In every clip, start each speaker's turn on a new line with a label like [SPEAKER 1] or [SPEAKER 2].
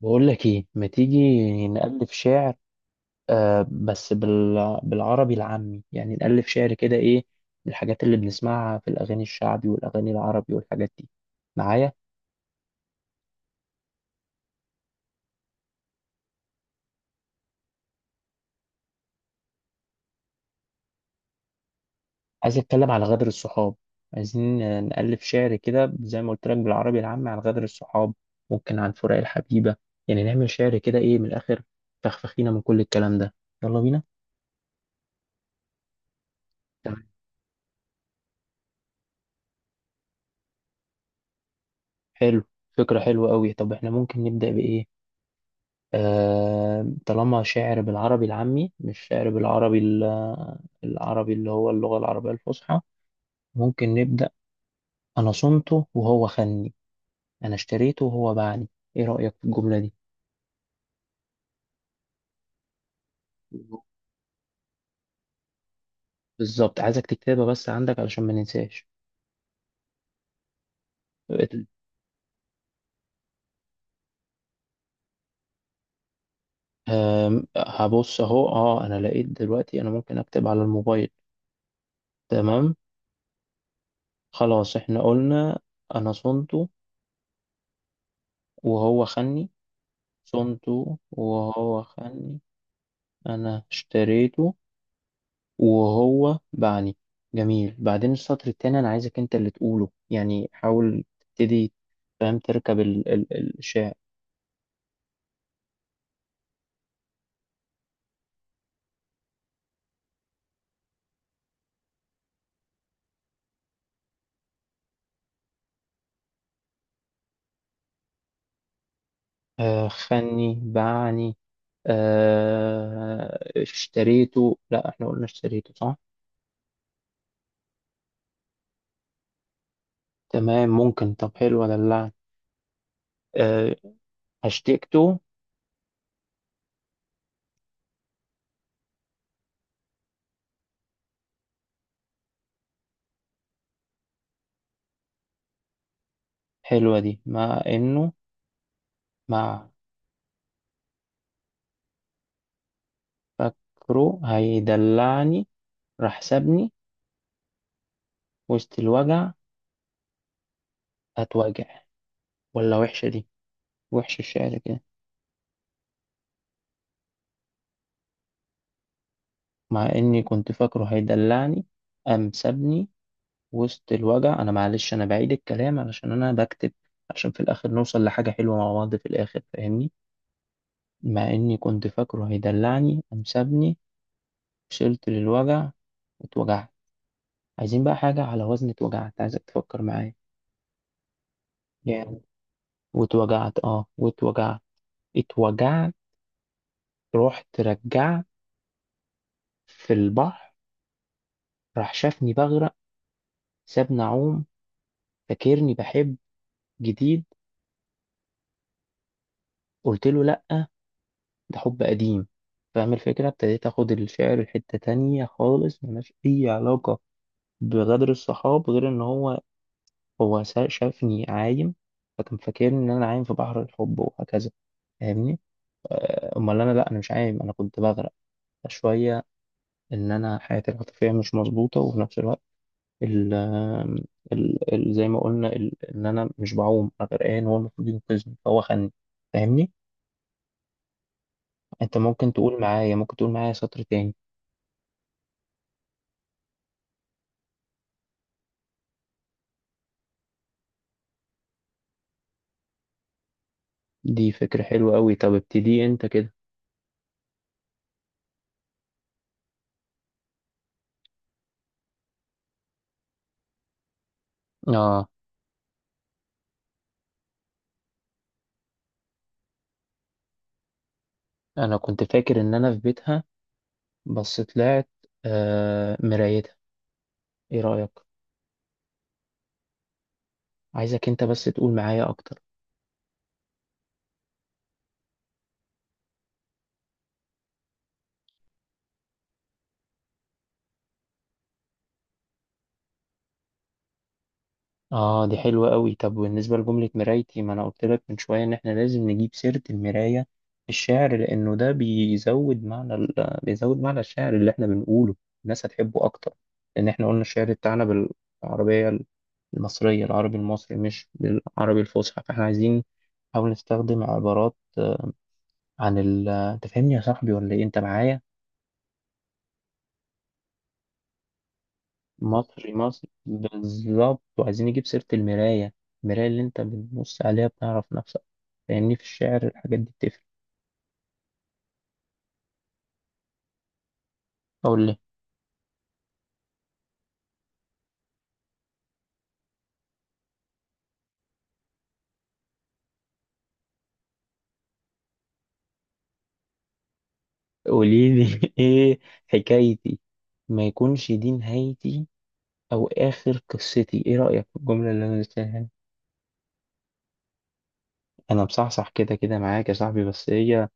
[SPEAKER 1] بقول لك ايه، ما تيجي نألف شعر. بالعربي العامي يعني نألف شعر كده ايه، من الحاجات اللي بنسمعها في الاغاني الشعبي والاغاني العربي والحاجات دي. معايا. عايز اتكلم على غدر الصحاب. عايزين نألف شعر كده زي ما قلت لك بالعربي العامي عن غدر الصحاب، ممكن عن فراق الحبيبة. يعني نعمل شعر كده ايه من الاخر. فخفخينا من كل الكلام ده. يلا بينا. تمام. حلو. فكرة حلوة قوي. طب احنا ممكن نبدأ بإيه؟ طالما شعر بالعربي العامي مش شعر بالعربي العربي اللي هو اللغة العربية الفصحى. ممكن نبدأ. أنا صنته وهو خني، أنا اشتريته وهو باعني. إيه رأيك في الجملة دي؟ بالظبط، عايزك تكتبها بس عندك علشان ما ننساش. هبص أهو. أنا لقيت دلوقتي أنا ممكن أكتب على الموبايل. تمام. خلاص، إحنا قلنا أنا صنته وهو خني. صنته وهو خني. أنا اشتريته وهو باعني. جميل. بعدين السطر التاني، انا عايزك انت اللي تقوله، يعني حاول تبتدي. فاهم تركب الشعر. خني باعني. اشتريته، لا احنا قلنا اشتريته صح. تمام، ممكن. طب حلوة دلعني. آه هشتكته. حلوة دي، مع انه مع فكره هيدلعني راح سابني وسط الوجع. هتوجع ولا وحشة دي؟ وحشة الشعر كده. مع إني كنت فاكره هيدلعني، قام سابني وسط الوجع. أنا معلش، أنا بعيد الكلام علشان أنا بكتب، عشان في الآخر نوصل لحاجة حلوة مع بعض في الآخر، فاهمني. مع إني كنت فاكره هيدلعني قام سابني، وصلت للوجع واتوجعت. عايزين بقى حاجة على وزن اتوجعت، عايزك تفكر معايا. جامد. واتوجعت، اه واتوجعت، اتوجعت. رحت رجعت في البحر، راح شافني بغرق، سابني أعوم، فاكرني بحب جديد. قلت له لأ، ده حب قديم. فاهم الفكرة، ابتديت اخد الشعر لحتة تانية خالص ملهاش اي علاقة بغدر الصحاب، غير ان شافني عايم، فكان فاكرني ان انا عايم في بحر الحب وهكذا، فاهمني. امال انا، لا انا مش عايم، انا كنت بغرق شوية، ان انا حياتي العاطفية مش مظبوطة، وفي نفس الوقت ال ال ال زي ما قلنا ان انا مش بعوم، انا غرقان، هو المفروض ينقذني فهو خدني، فاهمني. انت ممكن تقول معايا، سطر تاني. دي فكرة حلوة أوي. طب ابتدي أنت كده. آه أنا كنت فاكر إن أنا في بيتها، بس طلعت مرايتها. إيه رأيك؟ عايزك أنت بس تقول معايا أكتر. اه دي حلوة قوي. طب بالنسبة لجملة مرايتي، ما انا قلت لك من شوية ان احنا لازم نجيب سيرة المراية في الشعر، لانه ده بيزود معنى بيزود معنى الشعر اللي احنا بنقوله. الناس هتحبه اكتر، لان احنا قلنا الشعر بتاعنا بالعربية المصرية، العربي المصري مش بالعربي الفصحى، فاحنا عايزين نحاول نستخدم عبارات عن ال انت فاهمني يا صاحبي ولا ايه؟ انت معايا؟ مصري مصري بالظبط، وعايزين نجيب سيرة المراية. المراية اللي انت بتبص عليها بتعرف نفسك، لأن في الشعر الحاجات دي بتفرق. أقول لي. قولي لي إيه حكايتي، ما يكونش دي نهايتي أو آخر قصتي. إيه رأيك في الجملة اللي أنا قلتها هنا؟ أنا مصحصح كده كده معاك يا صاحبي، بس هي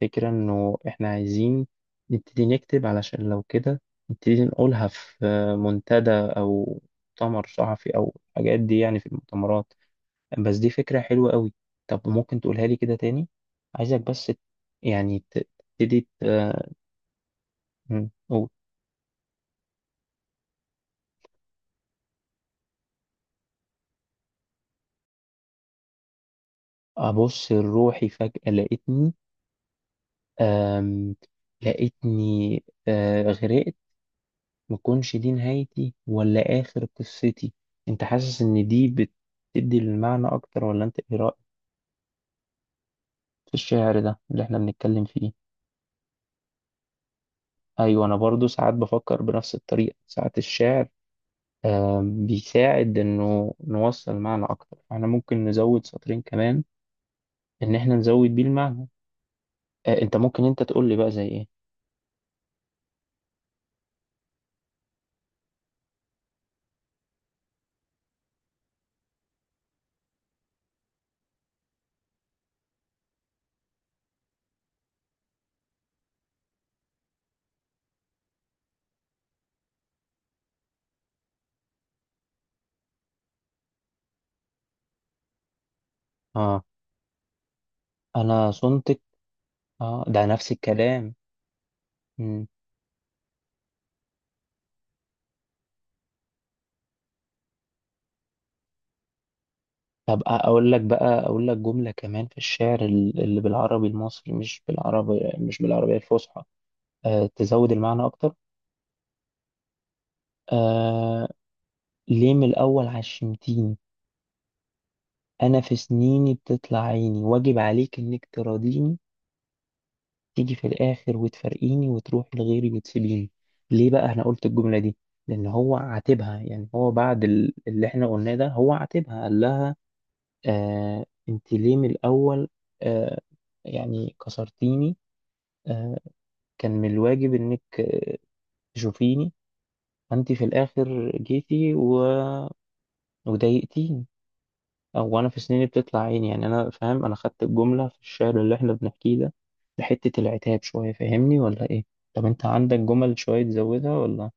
[SPEAKER 1] فكرة إنه إحنا عايزين نبتدي نكتب، علشان لو كده نبتدي نقولها في منتدى أو مؤتمر صحفي أو الحاجات دي، يعني في المؤتمرات. بس دي فكرة حلوة قوي. طب ممكن تقولها لي كده تاني، عايزك بس يعني ت- تبتدي. مم، قول. أبص لروحي فجأة، لقيتني أم لقيتني آه، غرقت. مكونش دي نهايتي ولا آخر قصتي. أنت حاسس إن دي بتدي المعنى أكتر، ولا أنت إيه رأيك في الشعر ده اللي إحنا بنتكلم فيه؟ أيوة، أنا برضو ساعات بفكر بنفس الطريقة. ساعات الشعر بيساعد انه نوصل معنى اكتر. احنا ممكن نزود سطرين كمان، ان احنا نزود بيه المعنى. انت ممكن انت تقول لي بقى زي ايه. اه انا صنتك. اه ده نفس الكلام. مم. طب اقول لك بقى، اقول لك جملة كمان في الشعر اللي بالعربي المصري، مش بالعربي، مش بالعربية الفصحى، تزود المعنى اكتر. آه ليه من الاول عشمتيني، انا في سنيني بتطلع عيني، واجب عليك انك تراضيني. تيجي في الآخر وتفارقيني وتروحي لغيري وتسيبيني. ليه بقى أنا قلت الجملة دي؟ لأن هو عاتبها. يعني هو بعد اللي إحنا قلناه ده، هو عاتبها قال لها: أنت ليه من الأول آه يعني كسرتيني. آه كان من الواجب إنك تشوفيني. أنت في الآخر جيتي وضايقتيني. او انا في سنيني بتطلع عيني. يعني انا فاهم، انا خدت الجمله في الشعر اللي احنا بنحكيه ده لحته العتاب شويه، فاهمني ولا ايه؟ طب انت عندك جمل شويه تزودها ولا؟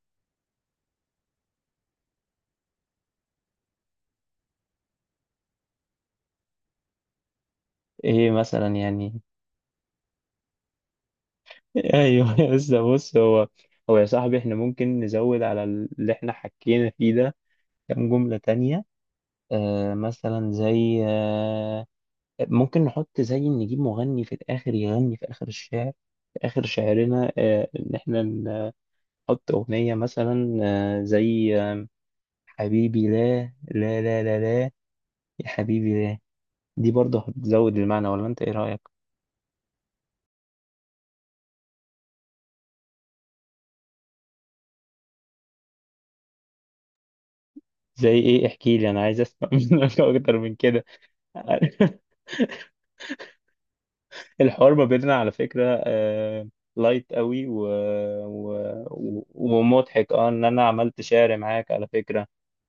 [SPEAKER 1] ايه مثلا يعني؟ ايوه، بس بص، هو يا صاحبي، احنا ممكن نزود على اللي احنا حكينا فيه ده كام جمله تانية. مثلا زي ممكن نحط زي نجيب مغني في الاخر يغني في اخر الشعر، في اخر شعرنا ان احنا نحط اغنيه مثلا زي حبيبي لا لا لا لا لا، يا حبيبي لا. دي برضه هتزود المعنى ولا انت ايه رأيك؟ زي ايه، احكي لي، انا عايز اسمع منك اكتر من كده. الحوار ما بيننا على فكرة لايت قوي و... ومضحك. اه ان انا عملت شعر معاك على فكرة.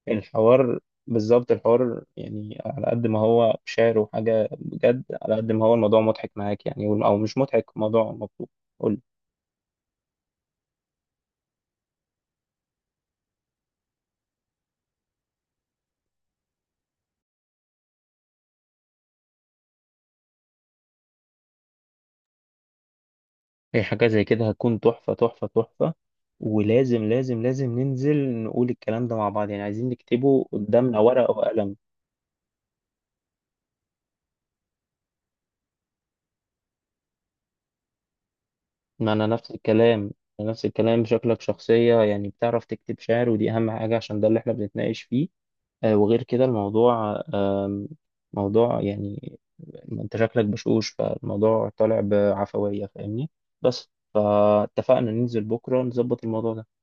[SPEAKER 1] الحوار، بالظبط الحوار، يعني على قد ما هو شعر وحاجة بجد، على قد ما هو الموضوع مضحك معاك، يعني او مش مضحك، موضوع مبسوط. قول لي. هي حاجة زي كده هتكون تحفة تحفة تحفة. ولازم لازم لازم ننزل نقول الكلام ده مع بعض. يعني عايزين نكتبه قدامنا ورقة وقلم. ما أنا نفس الكلام. أنا نفس الكلام. شكلك شخصية يعني بتعرف تكتب شعر، ودي أهم حاجة عشان ده اللي إحنا بنتناقش فيه. وغير كده الموضوع موضوع يعني أنت شكلك بشوش، فالموضوع طالع بعفوية، فاهمني. بس فاتفقنا ننزل بكرة نظبط الموضوع ده.